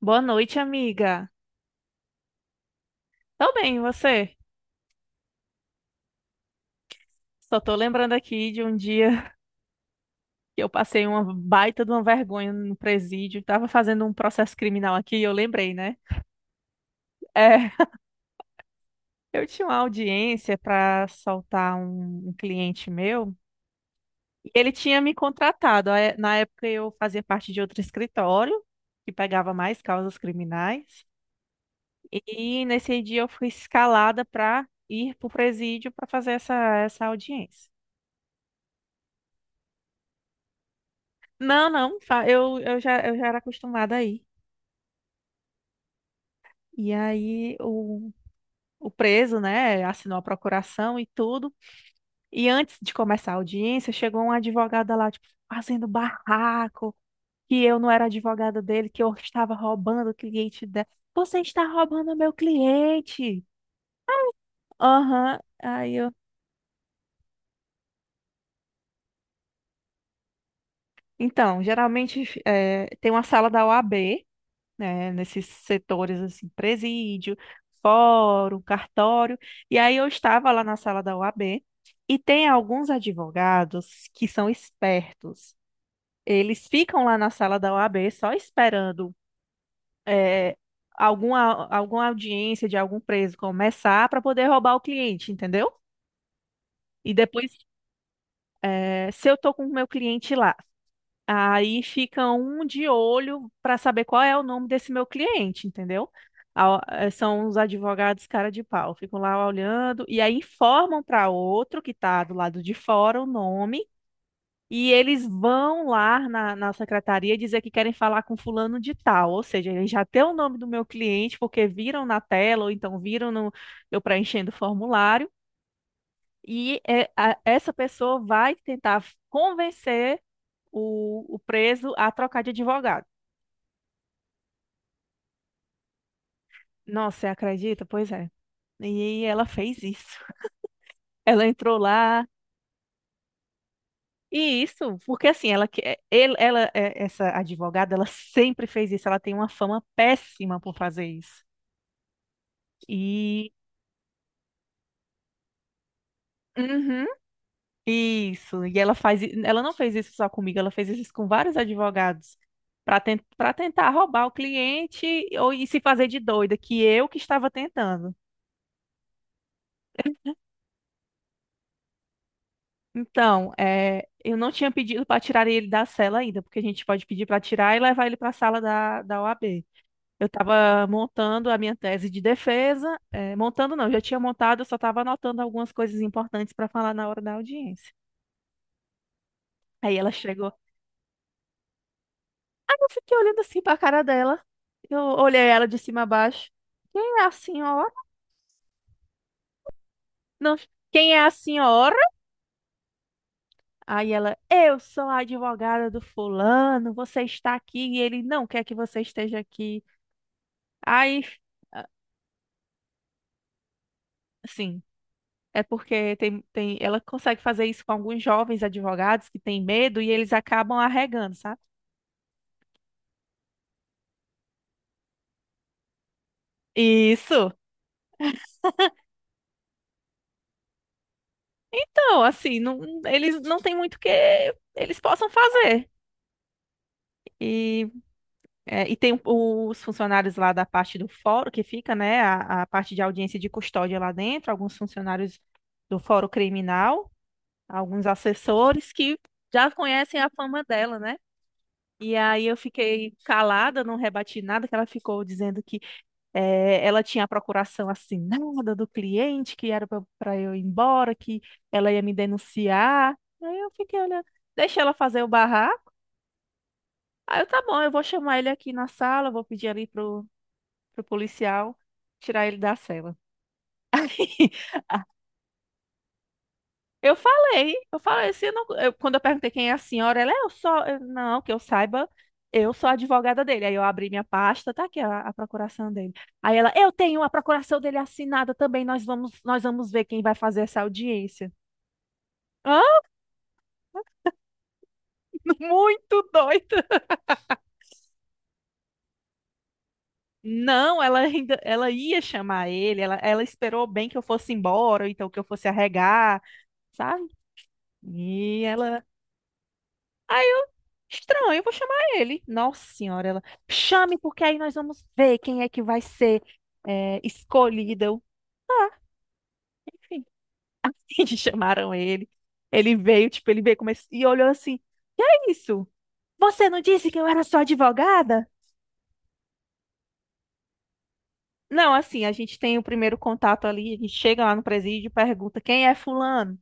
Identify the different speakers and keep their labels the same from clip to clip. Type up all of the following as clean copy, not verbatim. Speaker 1: Boa noite, amiga. Tô bem, e você? Só tô lembrando aqui de um dia que eu passei uma baita de uma vergonha no presídio. Tava fazendo um processo criminal aqui e eu lembrei, né? É, eu tinha uma audiência para soltar um cliente meu e ele tinha me contratado. Aí, na época eu fazia parte de outro escritório que pegava mais causas criminais e nesse dia eu fui escalada para ir pro presídio para fazer essa audiência. Não, não, eu já era acostumada aí. E aí o preso, né, assinou a procuração e tudo. E antes de começar a audiência, chegou uma advogada lá, tipo, fazendo barraco, que eu não era advogada dele, que eu estava roubando o cliente dela. Você está roubando meu cliente! Aham. Aí eu. Então, geralmente tem uma sala da OAB, né, nesses setores assim, presídio, fórum, cartório. E aí eu estava lá na sala da OAB, e tem alguns advogados que são espertos. Eles ficam lá na sala da OAB só esperando é, alguma audiência de algum preso começar para poder roubar o cliente, entendeu? E depois, é, se eu estou com o meu cliente lá, aí fica um de olho para saber qual é o nome desse meu cliente, entendeu? A- São os advogados cara de pau, ficam lá olhando e aí informam para outro que está do lado de fora o nome, e eles vão lá na secretaria dizer que querem falar com fulano de tal, ou seja, eles já têm o nome do meu cliente porque viram na tela ou então viram no, eu preenchendo o formulário, e essa pessoa vai tentar convencer o preso a trocar de advogado. Nossa, você acredita? Pois é. E ela fez isso. Ela entrou lá. E isso, porque assim, ela, que- é, ele- ela, é, essa advogada, ela sempre fez isso. Ela tem uma fama péssima por fazer isso. E. Uhum, isso. E ela faz. Ela não fez isso só comigo, ela fez isso com vários advogados. Para tentar roubar o cliente ou e se fazer de doida, que eu que estava tentando. Então, é, eu não tinha pedido para tirar ele da cela ainda, porque a gente pode pedir para tirar e levar ele para a sala da OAB. Eu estava montando a minha tese de defesa, é, montando não, já tinha montado, eu só estava anotando algumas coisas importantes para falar na hora da audiência. Aí ela chegou, aí eu fiquei olhando assim para a cara dela, eu olhei ela de cima a baixo. Quem é a senhora? Não, quem é a senhora? Aí ela, eu sou a advogada do fulano, você está aqui e ele não quer que você esteja aqui. Aí, ah, sim, é porque tem, ela consegue fazer isso com alguns jovens advogados que têm medo e eles acabam arregando, sabe? Isso. Então, assim, não, eles não têm muito o que eles possam fazer. E, é, e tem os funcionários lá da parte do fórum que fica, né, a parte de audiência e de custódia lá dentro, alguns funcionários do fórum criminal, alguns assessores que já conhecem a fama dela, né? E aí eu fiquei calada, não rebati nada, que ela ficou dizendo que ela tinha a procuração assinada do cliente, que era para eu ir embora, que ela ia me denunciar. Aí eu fiquei olhando, deixa ela fazer o barraco. Aí eu, tá bom, eu vou chamar ele aqui na sala, vou pedir ali pro policial tirar ele da cela. Eu falei, se eu não- eu- quando eu perguntei quem é a senhora, ela, não, que eu saiba, eu sou a advogada dele. Aí eu abri minha pasta, tá aqui a procuração dele. Aí ela, eu tenho a procuração dele assinada também, nós vamos ver quem vai fazer essa audiência. Hã? Muito doida. Não, ela ainda, ela ia chamar ele, ela esperou bem que eu fosse embora, ou então que eu fosse arregar, sabe? E ela. Aí eu, estranho, eu vou chamar ele. Nossa senhora, ela, chame porque aí nós vamos ver quem é que vai ser é, escolhida. Eu, ah, enfim, chamaram ele. Ele veio, tipo, ele veio começou, e olhou assim, que é isso? Você não disse que eu era sua advogada? Não, assim, a gente tem o primeiro contato ali, a gente chega lá no presídio e pergunta quem é fulano?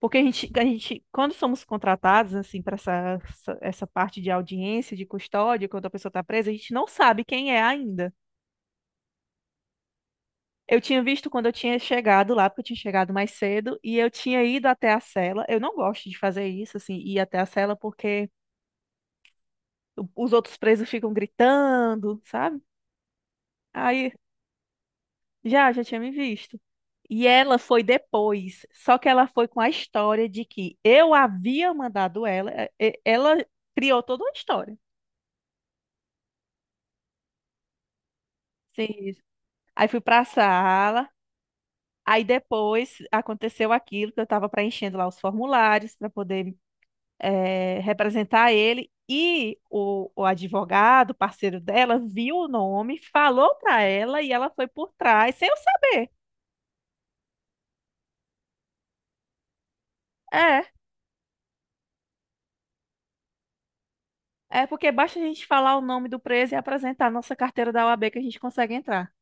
Speaker 1: Porque a gente, quando somos contratados, assim, para essa parte de audiência, de custódia, quando a pessoa está presa, a gente não sabe quem é ainda. Eu tinha visto quando eu tinha chegado lá, porque eu tinha chegado mais cedo, e eu tinha ido até a cela. Eu não gosto de fazer isso, assim, ir até a cela, porque os outros presos ficam gritando, sabe? Aí já, já tinha me visto. E ela foi depois, só que ela foi com a história de que eu havia mandado ela, ela criou toda uma história. Sim, isso. Aí fui para a sala, aí depois aconteceu aquilo que eu tava preenchendo lá os formulários para poder representar ele. E o advogado, parceiro dela, viu o nome, falou para ela e ela foi por trás, sem eu saber. É, é porque basta a gente falar o nome do preso e apresentar a nossa carteira da OAB que a gente consegue entrar.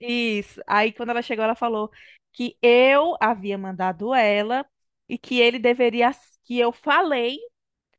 Speaker 1: Isso. Aí quando ela chegou, ela falou que eu havia mandado ela e que ele deveria, que eu falei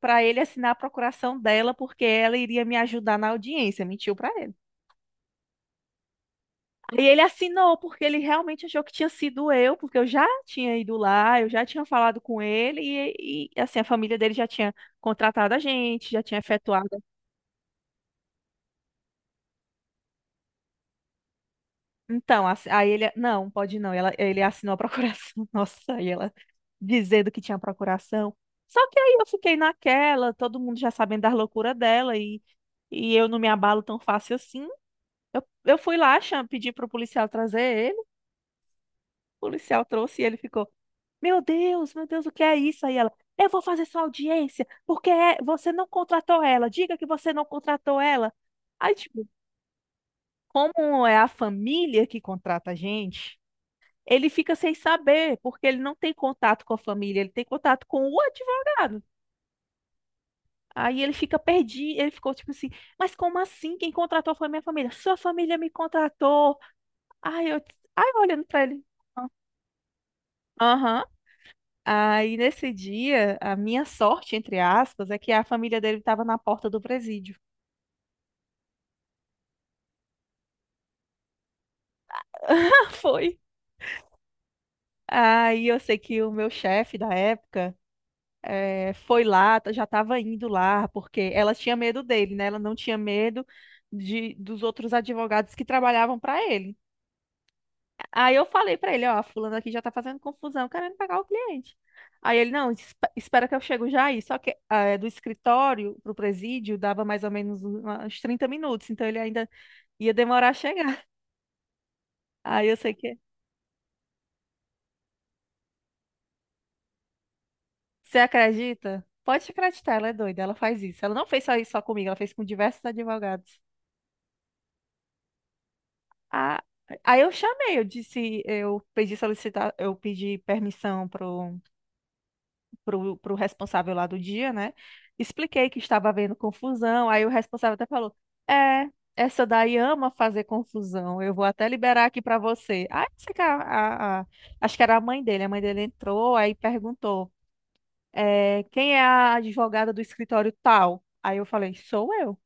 Speaker 1: para ele assinar a procuração dela porque ela iria me ajudar na audiência. Mentiu para ele. E ele assinou, porque ele realmente achou que tinha sido eu, porque eu já tinha ido lá, eu já tinha falado com ele, assim, a família dele já tinha contratado a gente, já tinha efetuado. Então, aí ele, não, pode não, ela, ele assinou a procuração, nossa, aí ela dizendo que tinha procuração. Só que aí eu fiquei naquela, todo mundo já sabendo das loucuras dela, e eu não me abalo tão fácil assim. Eu fui lá, pedi pro policial trazer ele, o policial trouxe e ele ficou. Meu Deus, o que é isso? Aí ela, eu vou fazer sua audiência, você não contratou ela. Diga que você não contratou ela. Aí, tipo, como é a família que contrata a gente, ele fica sem saber, porque ele não tem contato com a família, ele tem contato com o advogado. Aí ele fica perdido, ele ficou tipo assim, mas como assim? Quem contratou foi minha família. Sua família me contratou. Aí eu, aí eu olhando pra ele. Aham. Aí nesse dia, a minha sorte, entre aspas, é que a família dele estava na porta do presídio. Foi. Aí eu sei que o meu chefe da época foi lá, já estava indo lá, porque ela tinha medo dele, né? Ela não tinha medo dos outros advogados que trabalhavam para ele. Aí eu falei para ele, ó, a fulana aqui já tá fazendo confusão, querendo pagar o cliente. Aí ele, não, espera que eu chego já aí. Só que do escritório pro presídio dava mais ou menos uns 30 minutos, então ele ainda ia demorar a chegar. Aí eu sei que. Você acredita? Pode acreditar, ela é doida, ela faz isso. Ela não fez só isso só comigo, ela fez com diversos advogados. Ah, aí eu chamei, eu disse, eu pedi solicitar, eu pedi permissão pro responsável lá do dia, né? Expliquei que estava havendo confusão, aí o responsável até falou: é, essa daí ama fazer confusão, eu vou até liberar aqui para você. Aí sei que acho que era a mãe dele entrou, aí perguntou. É, quem é a advogada do escritório tal? Aí eu falei, sou eu.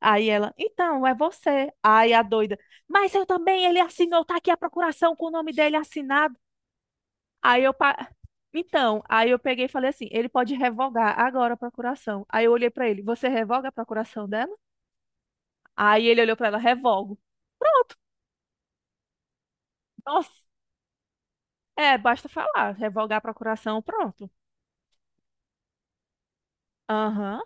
Speaker 1: Aí ela, então, é você. Aí a doida, mas eu também, ele assinou, tá aqui a procuração com o nome dele assinado. Aí eu, pa- então, aí eu peguei e falei assim, ele pode revogar agora a procuração. Aí eu olhei pra ele, você revoga a procuração dela? Aí ele olhou pra ela, revogo. Nossa, é, basta falar, revogar a procuração, pronto. Aham.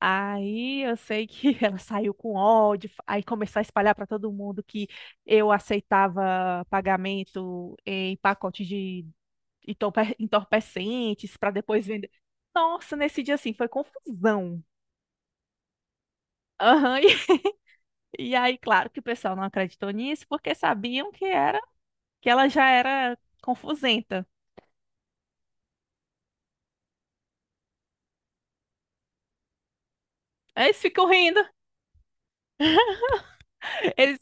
Speaker 1: Aí eu sei que ela saiu com ódio, aí começou a espalhar para todo mundo que eu aceitava pagamento em pacotes de entorpecentes para depois vender. Nossa, nesse dia assim foi confusão. Aham, e, e aí, claro que o pessoal não acreditou nisso porque sabiam que era que ela já era confusenta. Aí eles ficam rindo. Eles...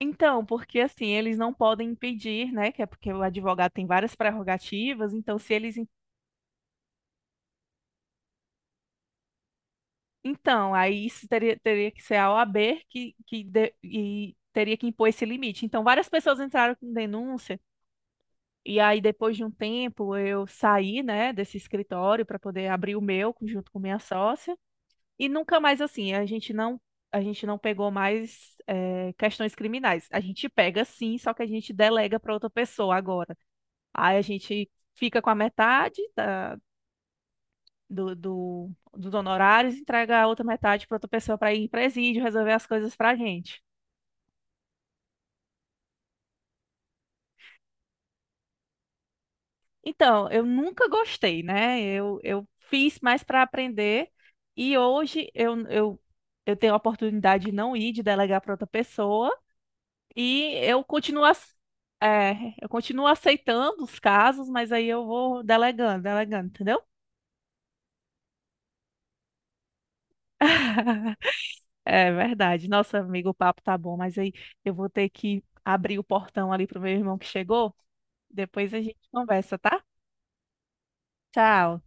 Speaker 1: Então, porque assim, eles não podem impedir, né? Que é porque o advogado tem várias prerrogativas, então se eles... Então, aí isso teria, teria que ser a OAB que de- e teria que impor esse limite. Então, várias pessoas entraram com denúncia, e aí depois de um tempo eu saí, né, desse escritório para poder abrir o meu junto com minha sócia, e nunca mais assim, a gente não pegou mais questões criminais. A gente pega sim, só que a gente delega para outra pessoa agora. Aí a gente fica com a metade dos honorários, entrega a outra metade para outra pessoa para ir em presídio, resolver as coisas para a gente. Então, eu nunca gostei, né? Eu fiz mais para aprender e hoje eu tenho a oportunidade de não ir, de delegar para outra pessoa e eu continuo, ace- é, eu continuo aceitando os casos, mas aí eu vou delegando, delegando, entendeu? É verdade. Nossa, amigo, o papo tá bom, mas aí eu vou ter que abrir o portão ali pro meu irmão que chegou. Depois a gente conversa, tá? Tchau.